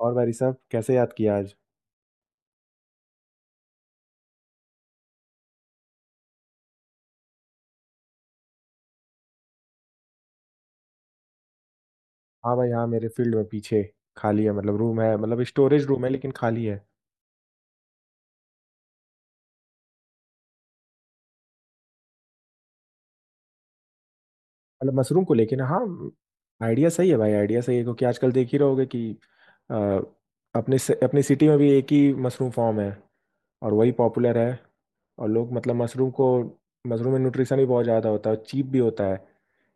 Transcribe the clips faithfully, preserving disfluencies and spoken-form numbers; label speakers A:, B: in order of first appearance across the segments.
A: और भाई साहब कैसे याद किया आज। हाँ भाई हाँ, मेरे फील्ड में पीछे खाली है। मतलब रूम है, मतलब स्टोरेज रूम है लेकिन खाली है। मतलब मशरूम को, लेकिन हाँ आइडिया सही है भाई, आइडिया सही है क्योंकि आजकल देख ही रहोगे कि अ, अपने अपनी सिटी में भी एक ही मशरूम फॉर्म है और वही पॉपुलर है। और लोग मतलब मशरूम को, मशरूम में न्यूट्रिशन भी बहुत ज़्यादा होता है और चीप भी होता है।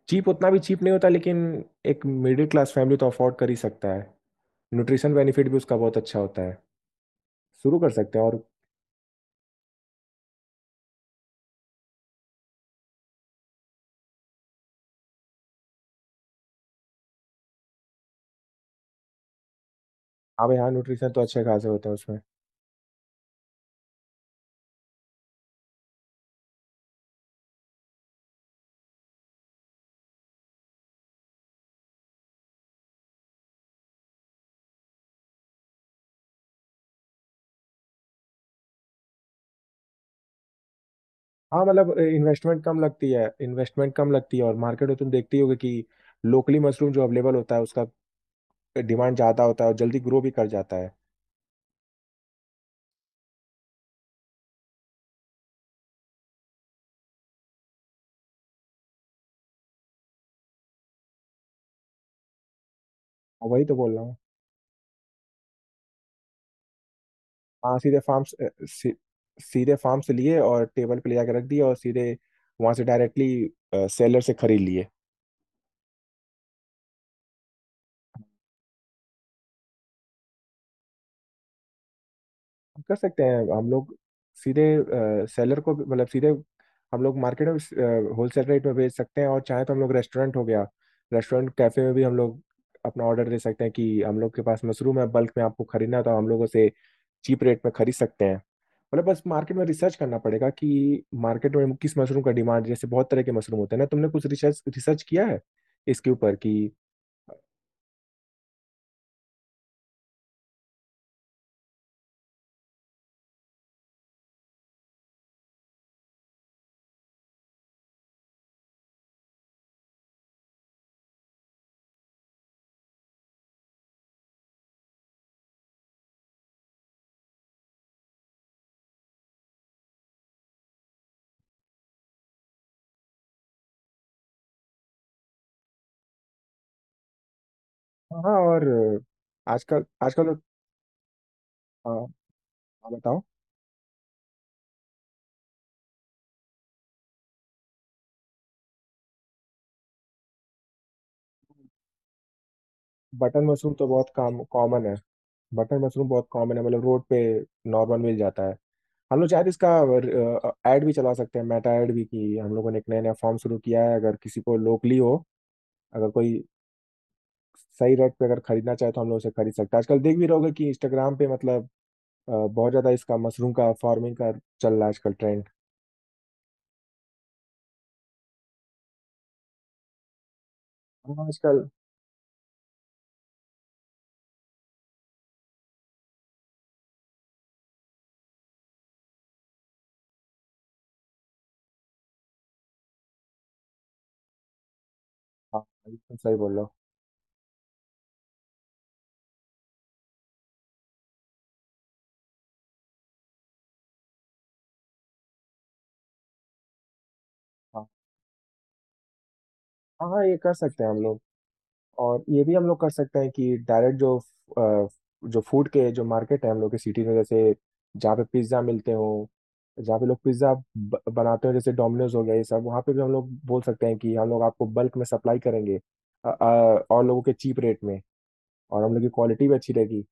A: चीप उतना भी चीप नहीं होता, लेकिन एक मिडिल क्लास फैमिली तो अफोर्ड कर ही सकता है। न्यूट्रिशन बेनिफिट भी उसका बहुत अच्छा होता है। शुरू कर सकते हैं। और हाँ भाई हाँ, न्यूट्रिशन तो अच्छे खासे होते हैं उसमें। हाँ मतलब इन्वेस्टमेंट कम लगती है, इन्वेस्टमेंट कम लगती है, और मार्केट में तुम देखती होगी कि लोकली मशरूम जो अवेलेबल होता है उसका डिमांड ज़्यादा होता है और जल्दी ग्रो भी कर जाता है। और वही तो बोल रहा हूँ। हाँ सीधे फार्म से, सी, सीधे फार्म से लिए और टेबल पे ले जाके रख दिया और सीधे वहाँ से डायरेक्टली सेलर से खरीद लिए। कर सकते हैं हम लोग, सीधे सेलर को भी- मतलब सीधे हम लोग मार्केट में होलसेल रेट में बेच सकते हैं। और चाहे तो हम लोग रेस्टोरेंट हो गया, रेस्टोरेंट कैफे में भी हम लोग अपना ऑर्डर दे सकते हैं कि हम लोग के पास मशरूम है, बल्क में आपको खरीदना है तो हम लोगों से चीप रेट में खरीद सकते हैं। मतलब बस मार्केट में रिसर्च करना पड़ेगा कि मार्केट में किस मशरूम का डिमांड, जैसे बहुत तरह के मशरूम होते हैं ना। तुमने कुछ रिसर्च रिसर्च किया है इसके ऊपर कि। हाँ और अ, आजकल आजकल। हाँ हाँ, बताओ। बटन मशरूम तो बहुत काम कॉमन है, बटर मशरूम बहुत कॉमन है, मतलब रोड पे नॉर्मल मिल जाता है। हम लोग शायद इसका ऐड भी चला सकते हैं, मेटा ऐड भी, की हम लोगों ने एक नया नया फॉर्म शुरू किया है। अगर किसी को लोकली हो, अगर कोई सही रेट पे अगर खरीदना चाहे तो हम लोग उसे खरीद सकते हैं। आजकल देख भी रहोगे कि इंस्टाग्राम पे मतलब अ, बहुत ज़्यादा इसका मशरूम का फार्मिंग का चल रहा है आजकल ट्रेंड। हाँ आजकल। हाँ एकदम सही बोल रहे हो। हाँ हाँ हाँ, ये कर सकते हैं हम लोग। और ये भी हम लोग कर सकते हैं कि डायरेक्ट जो अ, जो फूड के जो मार्केट है हम लोग की सिटी में, जैसे जहाँ पे पिज्ज़ा मिलते हो, जहाँ पे लोग पिज्ज़ा बनाते हो, जैसे डोमिनोज हो गया ये सब, वहाँ पे भी हम लोग बोल सकते हैं कि हम लोग आपको बल्क में सप्लाई करेंगे अ, अ, और लोगों के चीप रेट में, और हम लोग की क्वालिटी भी अच्छी रहेगी।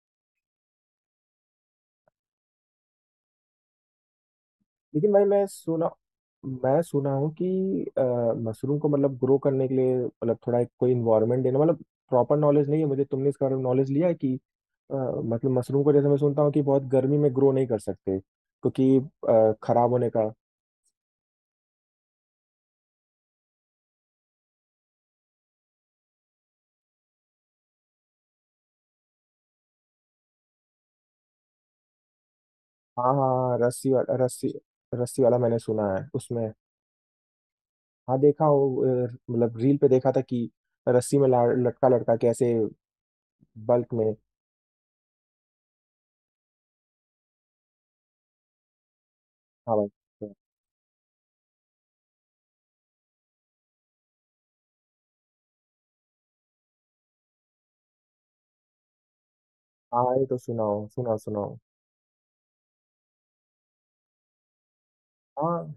A: लेकिन भाई मैं सुना, मैं सुना हूँ कि मशरूम को मतलब ग्रो करने के लिए, मतलब थोड़ा एक कोई इन्वायरमेंट देना, मतलब प्रॉपर नॉलेज नहीं है मुझे। तुमने इसके बारे में नॉलेज लिया है कि अ, मतलब मशरूम को जैसे मैं सुनता हूँ कि बहुत गर्मी में ग्रो नहीं कर सकते क्योंकि अ, खराब होने का। हाँ हाँ हाँ, रस्सी वाला, रस्सी रस्सी वाला मैंने सुना है उसमें। हाँ देखा हो, अ, मतलब रील पे देखा था कि रस्सी में ला- लटका लटका कैसे बल्क में। हाँ भाई हाँ। ये तो सुनाओ सुनाओ सुनाओ। हाँ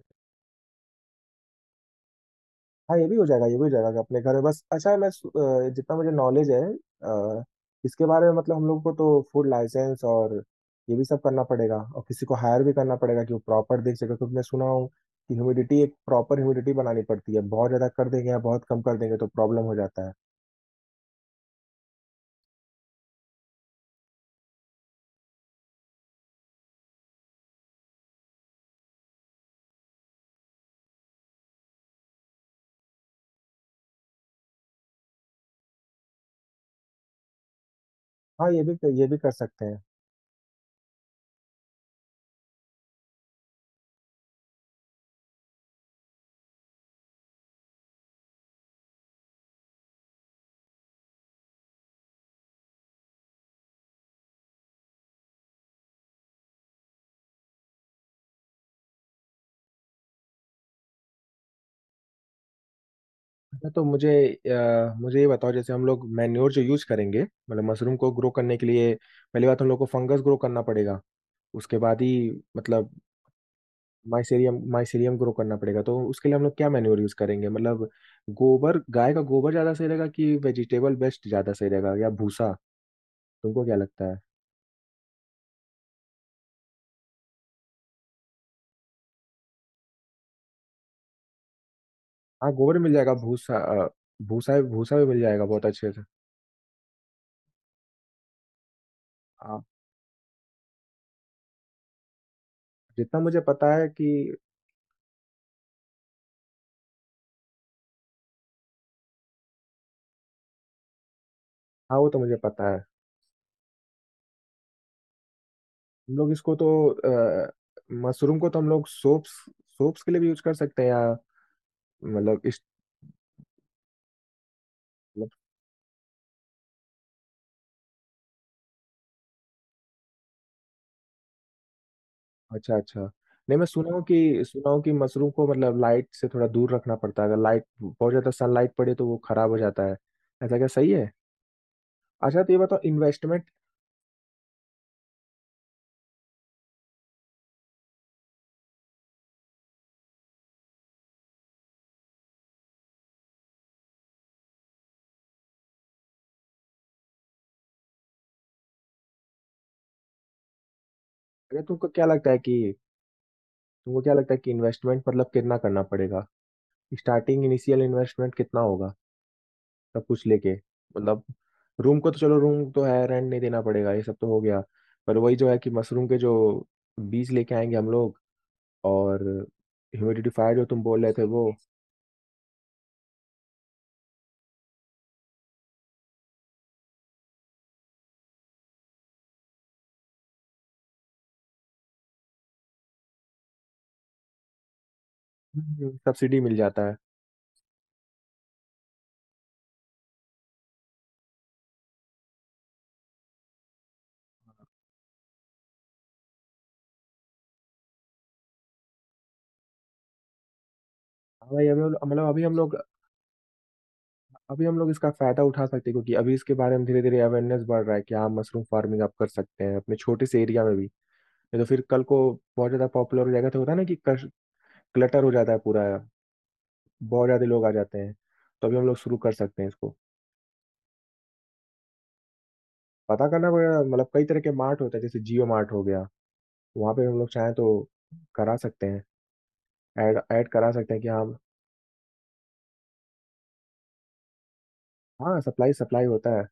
A: हाँ ये भी हो जाएगा, ये भी हो जाएगा अपने घर में। बस अच्छा मैं सु- अ, जितना मुझे नॉलेज है अ, इसके बारे में, मतलब हम लोग को तो फूड लाइसेंस और ये भी सब करना पड़ेगा, और किसी को हायर भी करना पड़ेगा कि वो प्रॉपर देख सके, क्योंकि मैं सुना हूँ कि ह्यूमिडिटी एक प्रॉपर ह्यूमिडिटी बनानी पड़ती है, बहुत ज़्यादा कर देंगे या बहुत कम कर देंगे तो प्रॉब्लम हो जाता है। हाँ ये भी, ये भी कर सकते हैं। अच्छा तो मुझे अ, मुझे ये बताओ, जैसे हम लोग मैन्योर जो यूज करेंगे मतलब मशरूम को ग्रो करने के लिए, पहली बात हम लोग को फंगस ग्रो करना पड़ेगा, उसके बाद ही मतलब माइसेरियम माइसेरियम ग्रो करना पड़ेगा। तो उसके लिए हम लोग क्या मैन्योर यूज करेंगे? मतलब गोबर, गाय का गोबर ज्यादा सही रहेगा कि वेजिटेबल वेस्ट ज्यादा सही रहेगा या भूसा? तुमको क्या लगता है? हाँ गोबर मिल जाएगा। भूसा अ, भूसा, भूसा भी मिल जाएगा बहुत अच्छे से। आप जितना मुझे पता है कि। हाँ वो तो मुझे पता है। हम लोग इसको तो अ, मशरूम को तो हम लोग सोप्स, सोप्स के लिए भी यूज कर सकते हैं, या मतलब इस। अच्छा, अच्छा। नहीं मैं सुना हूँ कि, सुना हूँ कि मशरूम को मतलब लाइट से थोड़ा दूर रखना पड़ता है। अगर लाइट बहुत ज़्यादा सनलाइट पड़े तो वो खराब हो जाता है। ऐसा क्या सही है? अच्छा तो ये बताओ इन्वेस्टमेंट, अगर तुमको क्या लगता है कि, तुमको क्या लगता है कि इन्वेस्टमेंट मतलब कितना करना पड़ेगा? स्टार्टिंग इनिशियल इन्वेस्टमेंट कितना होगा? सब कुछ लेके, मतलब रूम को तो चलो रूम तो है, रेंट नहीं देना पड़ेगा, ये सब तो हो गया। पर वही जो है कि मशरूम के जो बीज लेके आएंगे हम लोग, और ह्यूमिडिफायर जो तुम बोल रहे थे वो, सब्सिडी मिल जाता है। हाँ भाई अभी हम लोग- मतलब अभी हम लोग, अभी हम लोग इसका फायदा उठा सकते हैं, क्योंकि अभी इसके बारे में धीरे धीरे अवेयरनेस बढ़ रहा है कि हाँ मशरूम फार्मिंग आप कर सकते हैं अपने छोटे से एरिया में भी। नहीं तो फिर कल को बहुत ज़्यादा पॉपुलर हो जाएगा तो होता है ना कि क्लटर हो जाता है पूरा, बहुत ज़्यादा लोग आ जाते हैं। तो अभी हम लोग शुरू कर सकते हैं इसको। पता करना पड़ेगा, मतलब कई तरह के मार्ट होते हैं, जैसे जियो मार्ट हो गया, वहाँ पे हम लोग चाहें तो करा सकते हैं, ऐड ऐड करा सकते हैं कि हाँ। हाँ सप्लाई सप्लाई होता है।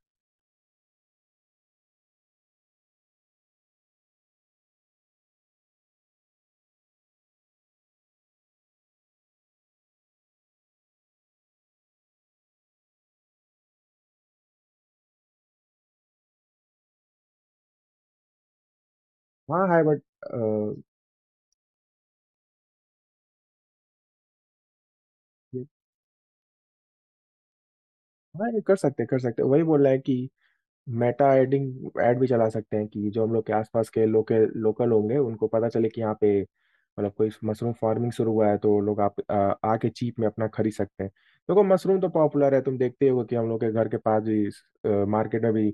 A: हाँ है बट, हाँ ये कर सकते हैं, कर सकते हैं, वही बोल रहा है कि मेटा एडिंग एड भी चला सकते हैं, कि जो हम लोग के आसपास के लोकल लोकल होंगे उनको पता चले कि यहाँ पे मतलब कोई मशरूम फार्मिंग शुरू हुआ है, तो लोग आप आ, आके चीप में अपना खरीद सकते हैं। देखो मशरूम तो पॉपुलर है, तुम देखते हो कि हम लोग के घर के पास भी, मार्केट में भी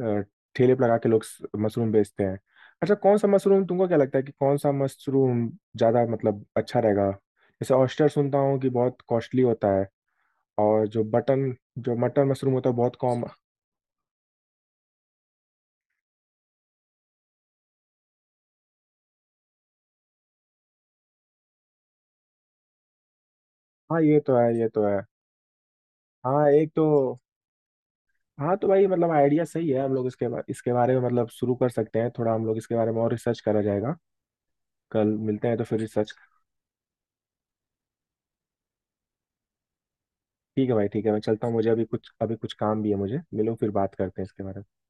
A: अ, ठेले पर लगा के लोग स- मशरूम बेचते हैं। अच्छा कौन सा मशरूम, तुमको क्या लगता है कि कौन सा मशरूम ज़्यादा मतलब अच्छा रहेगा? जैसे ऑयस्टर सुनता हूँ कि बहुत कॉस्टली होता है, और जो बटन, जो मटर मशरूम होता है बहुत कॉम। हाँ ये तो है, ये तो है। हाँ एक तो, हाँ तो भाई मतलब आइडिया सही है, हम लोग इसके बा, इसके बारे में मतलब शुरू कर सकते हैं। थोड़ा हम लोग इसके बारे में और रिसर्च करा जाएगा, कल मिलते हैं तो फिर रिसर्च। ठीक है भाई, ठीक है, मैं चलता हूँ, मुझे अभी कुछ, अभी कुछ काम भी है। मुझे मिलो, फिर बात करते हैं इसके बारे में।